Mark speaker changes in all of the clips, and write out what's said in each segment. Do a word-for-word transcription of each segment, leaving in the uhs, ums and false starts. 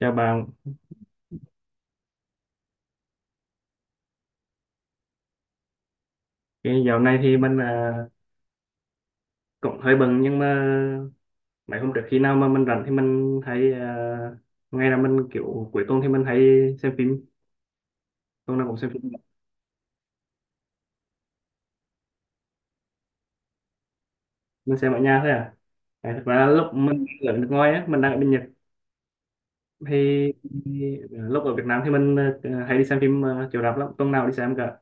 Speaker 1: Chào bạn, cái dạo này thì mình à, cũng hơi bận nhưng mà mấy hôm trước khi nào mà mình rảnh thì mình hay à, ngay là mình kiểu cuối tuần thì mình hay xem phim, tuần nào cũng xem phim, mình xem ở nhà thôi à. À, thực ra lúc mình ở nước ngoài á, mình đang ở bên Nhật thì, thì lúc ở Việt Nam thì mình à, hay đi xem phim uh, chiếu rạp lắm, tuần nào đi xem cả.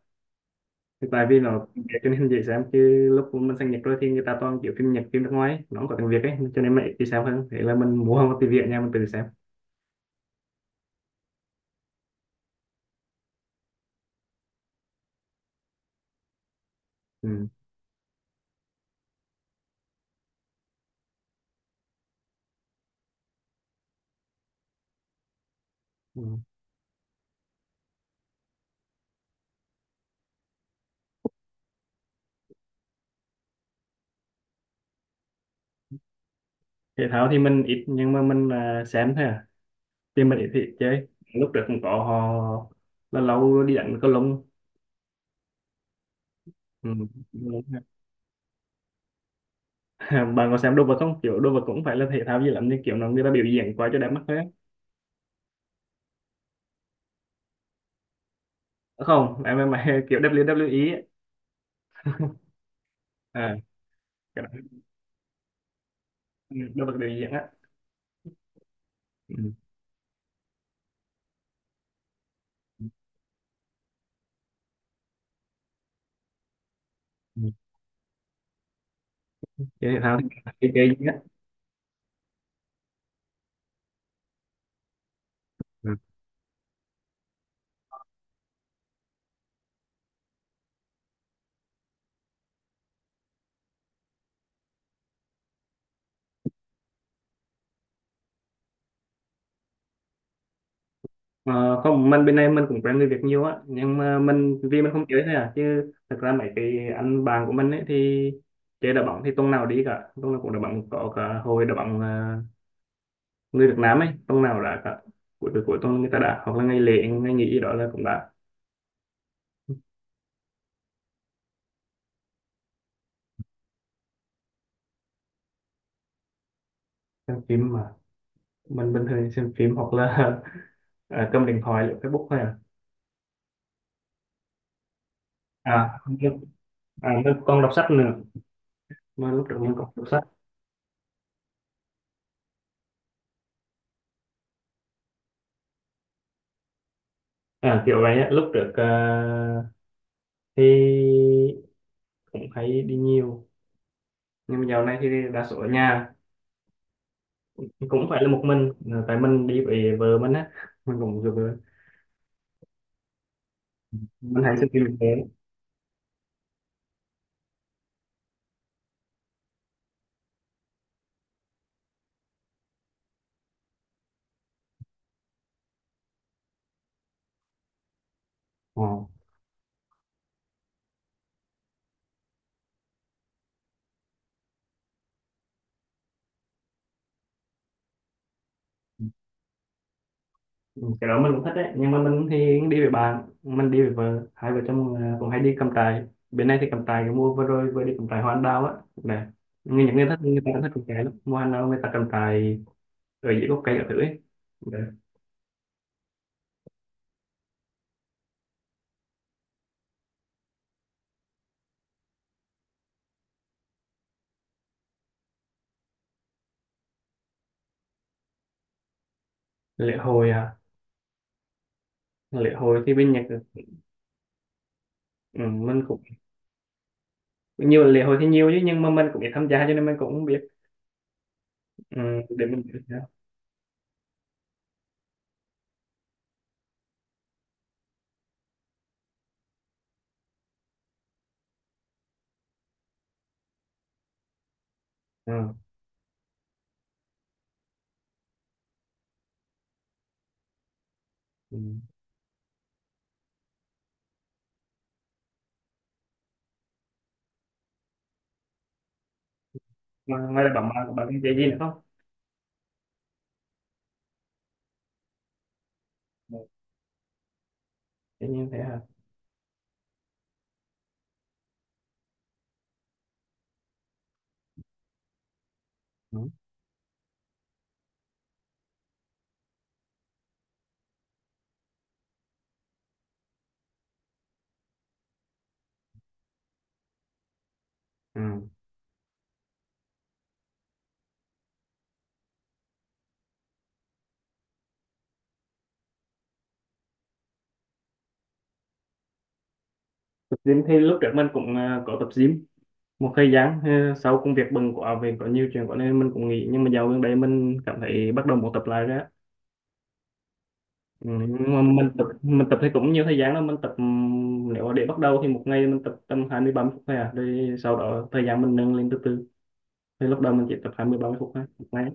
Speaker 1: Thì tại vì nó cho nên dễ xem chứ lúc mình sang Nhật rồi thì người ta toàn kiểu phim Nhật, phim nước ngoài ấy, nó không có tiếng Việt ấy, cho nên mẹ đi xem hơn. Thế là mình mua một tivi ở nhà mình tự xem. Ừ. Ừ. Thể thao thì mình ít nhưng mà mình à, xem thôi à, thì mình ít, thì ít chơi. Lúc trước cũng có họ là lâu đi đánh cầu lông. Ừ. Bạn có xem đồ vật không, kiểu đồ vật cũng phải là thể thao gì lắm nhưng kiểu nó người ta biểu diễn quá cho đẹp mắt thôi á. Không em em, kiểu đáp liu đáp liu i ấy. À, cái đó. Ừ, đồ vật biểu diễn á. Ừ. Ừ. Chơi thể thao thì chơi chơi gì á. Ừ. Ờ, không, mình bên này mình cũng quen người Việt nhiều á, nhưng mà mình vì mình không chơi thôi à, chứ thực ra mấy cái anh bạn của mình ấy thì chơi đá bóng thì tuần nào đi cả, tuần nào cũng đá bóng, có cả hội đá bóng ờ, người Việt Nam ấy, tuần nào đã cả, cuối cuối cuối tuần người ta đã, hoặc là ngày lễ ngày nghỉ gì đó là cũng đã. Xem phim mà, mình bình thường xem phim hoặc là ờ, cầm điện thoại lướt Facebook thôi à. À, không biết. À, mình còn đọc sách nữa, mà lúc trước mình còn đọc sách. À, kiểu vậy á, lúc trước ờ, thì cũng hay đi nhiều nhưng mà dạo này thì đa số ở nhà, cũng phải là một mình, tại mình đi với vợ mình á, mình cũng được rồi. Mình hay thích đi với vợ. Ờ. Ừ, cái đó mình cũng thích đấy, nhưng mà mình thì đi với bạn, mình đi với vợ, hai vợ chồng à, cũng hay đi cắm trại. Bên này thì cắm trại, cái mua vừa rồi vừa đi cắm trại hoa anh đào á, nè, như những người thích, người ta cũng thích cắm trại lắm, mua hoa anh đào người ta cắm trại ở dưới gốc cây ở thử ấy. Đấy. Lễ hội à, lễ hội thì bên Nhật, ừ, mình cũng, nhiều lễ hội thì nhiều chứ nhưng mà mình cũng ít tham gia cho nên mình cũng không biết, ừ, để mình biết. Nha. Ừ. Mà ngoài ra bạn bạn bạn có chơi gì nữa không? Ừ. Tự nhiên thế hả? Ừ. Ừ. Tập gym thì lúc trước mình cũng ờ, có tập gym một thời gian, ờ, sau công việc bận quá vì có nhiều chuyện có nên mình cũng nghỉ, nhưng mà dạo gần đây mình cảm thấy bắt đầu muốn tập lại rồi á. Ừ. Nhưng mà mình tập mình tập thì cũng nhiều thời gian đó, mình tập ừm, nếu mà để bắt đầu thì một ngày mình tập tầm hai mươi ba mươi phút thôi à, rồi sau đó thời gian mình nâng lên từ từ, thì lúc đầu mình chỉ tập hai mươi ba mươi phút thôi một ngày.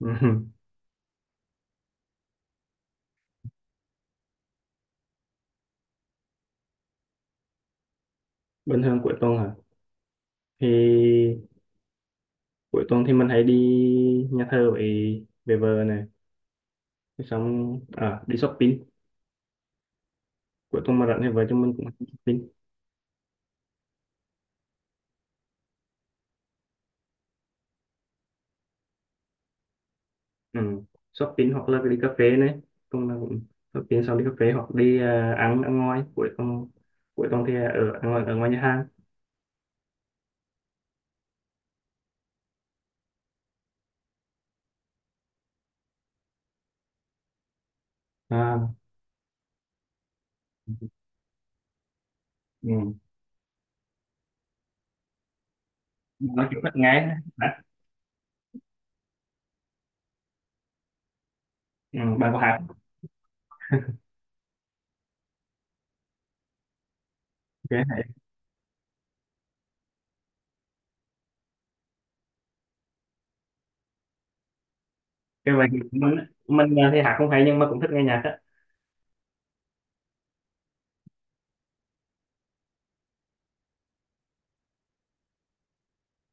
Speaker 1: Ừ. Bình thường cuối tuần à, thì cuối tuần thì mình hay đi nhà thờ với về vợ này. Thế xong à, đi shopping, cuối tuần mà rảnh thì vợ chúng mình cũng hay đi shopping. Ừ. Shopping hoặc là đi cà phê này, tuần nào cũng shopping xong đi cà phê, hoặc đi à, ăn, ăn ngoài cuối tuần, cuối tuần thì ở ăn ngoài, ở ngoài nhà hàng. À, ừ. Nói chuyện thích nghe đã. Ừ. Bạn có hát, ok hay. Cái bài thì mình á, mình à, thì hát không hay nhưng mà cũng thích nghe nhạc á.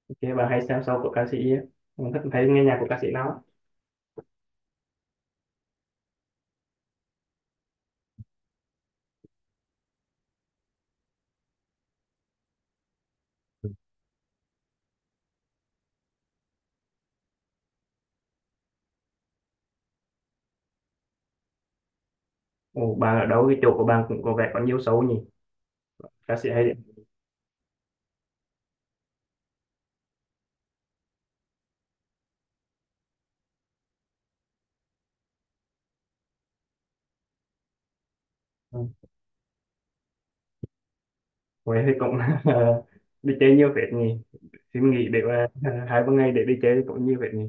Speaker 1: Ok, bạn hay xem sau của ca sĩ á, mình thích thấy nghe nhạc của ca sĩ nào á? Ồ, bạn ở đâu, cái chỗ của bạn cũng có vẻ có nhiều show nhỉ, ca sĩ hay đấy. Ừ. Huế thì cũng đi chơi nhiều phết nhỉ. Xin nghỉ để mà hai ba ngày để đi chơi cũng nhiều phết nhỉ.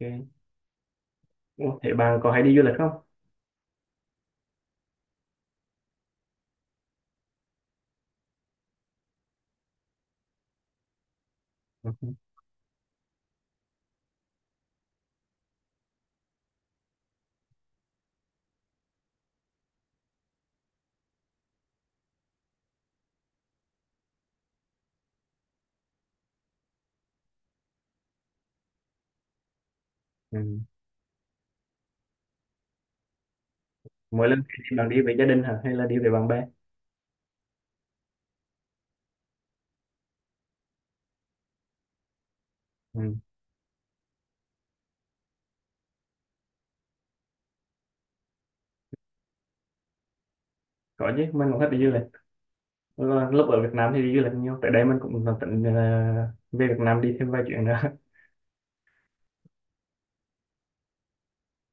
Speaker 1: Ok. Ủa, thế bạn có hay đi du lịch không? Ừ. Ừ. Mỗi lần thì bạn đi với gia đình hả, hay là đi với bạn bè? Ừ. Có chứ, mình cũng thích đi du lịch. Lúc lúc ở Việt Nam thì đi du lịch nhiều, tại đây mình cũng tính ờ, về Việt Nam đi thêm vài chuyện nữa.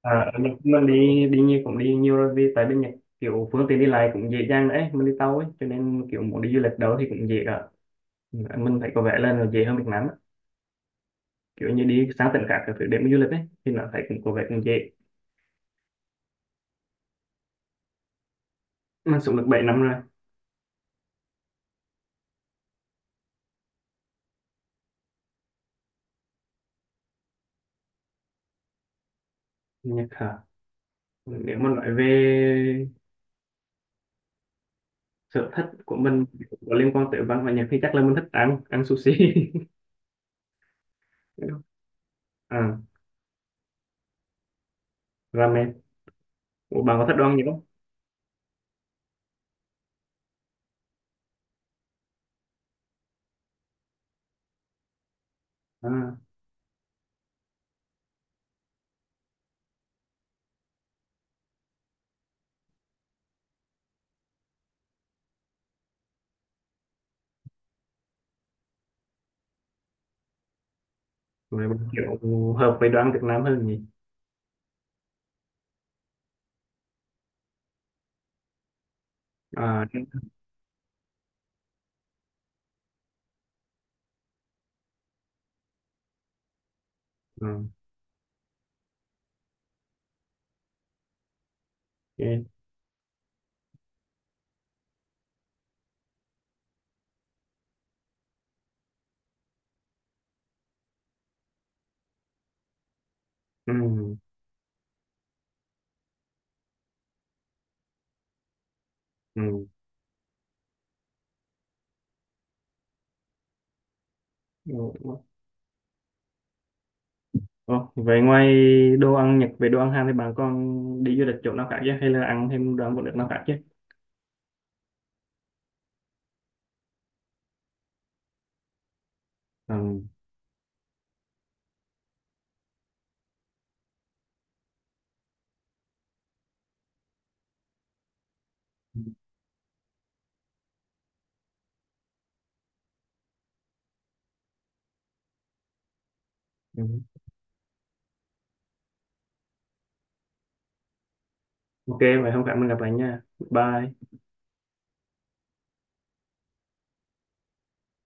Speaker 1: À, mình, mình đi đi nhiều, cũng đi nhiều rồi, vì tại bên Nhật kiểu phương tiện đi lại cũng dễ dàng đấy, mình đi tàu ấy cho nên kiểu muốn đi du lịch đâu thì cũng dễ cả. Mình thấy có vẻ là nó dễ hơn Việt Nam á, kiểu như đi sang tỉnh khác các thứ để mà du lịch ấy thì nó thấy cũng có vẻ cũng dễ. Mình sống được bảy năm rồi. Nhật hả, nếu mà nói về sở thích của mình có liên quan tới văn hóa Nhật thì chắc là mình thích ăn ăn sushi. À, ramen. Ủa, bạn có thích đồ ăn gì không? À, rồi bạn kiểu hợp với đồ ăn Việt Nam hơn nhỉ. À, ừ. Ok. Ừ. Ừ. Ủa, ủa, vậy ngoài đồ ăn Nhật về đồ ăn Hàn thì bạn còn đi du lịch chỗ nào khác chứ, hay là ăn thêm đồ ăn của nước nào khác chứ? Ừ. Ừ. Ok, vậy hôm khác mình gặp lại nha. Bye.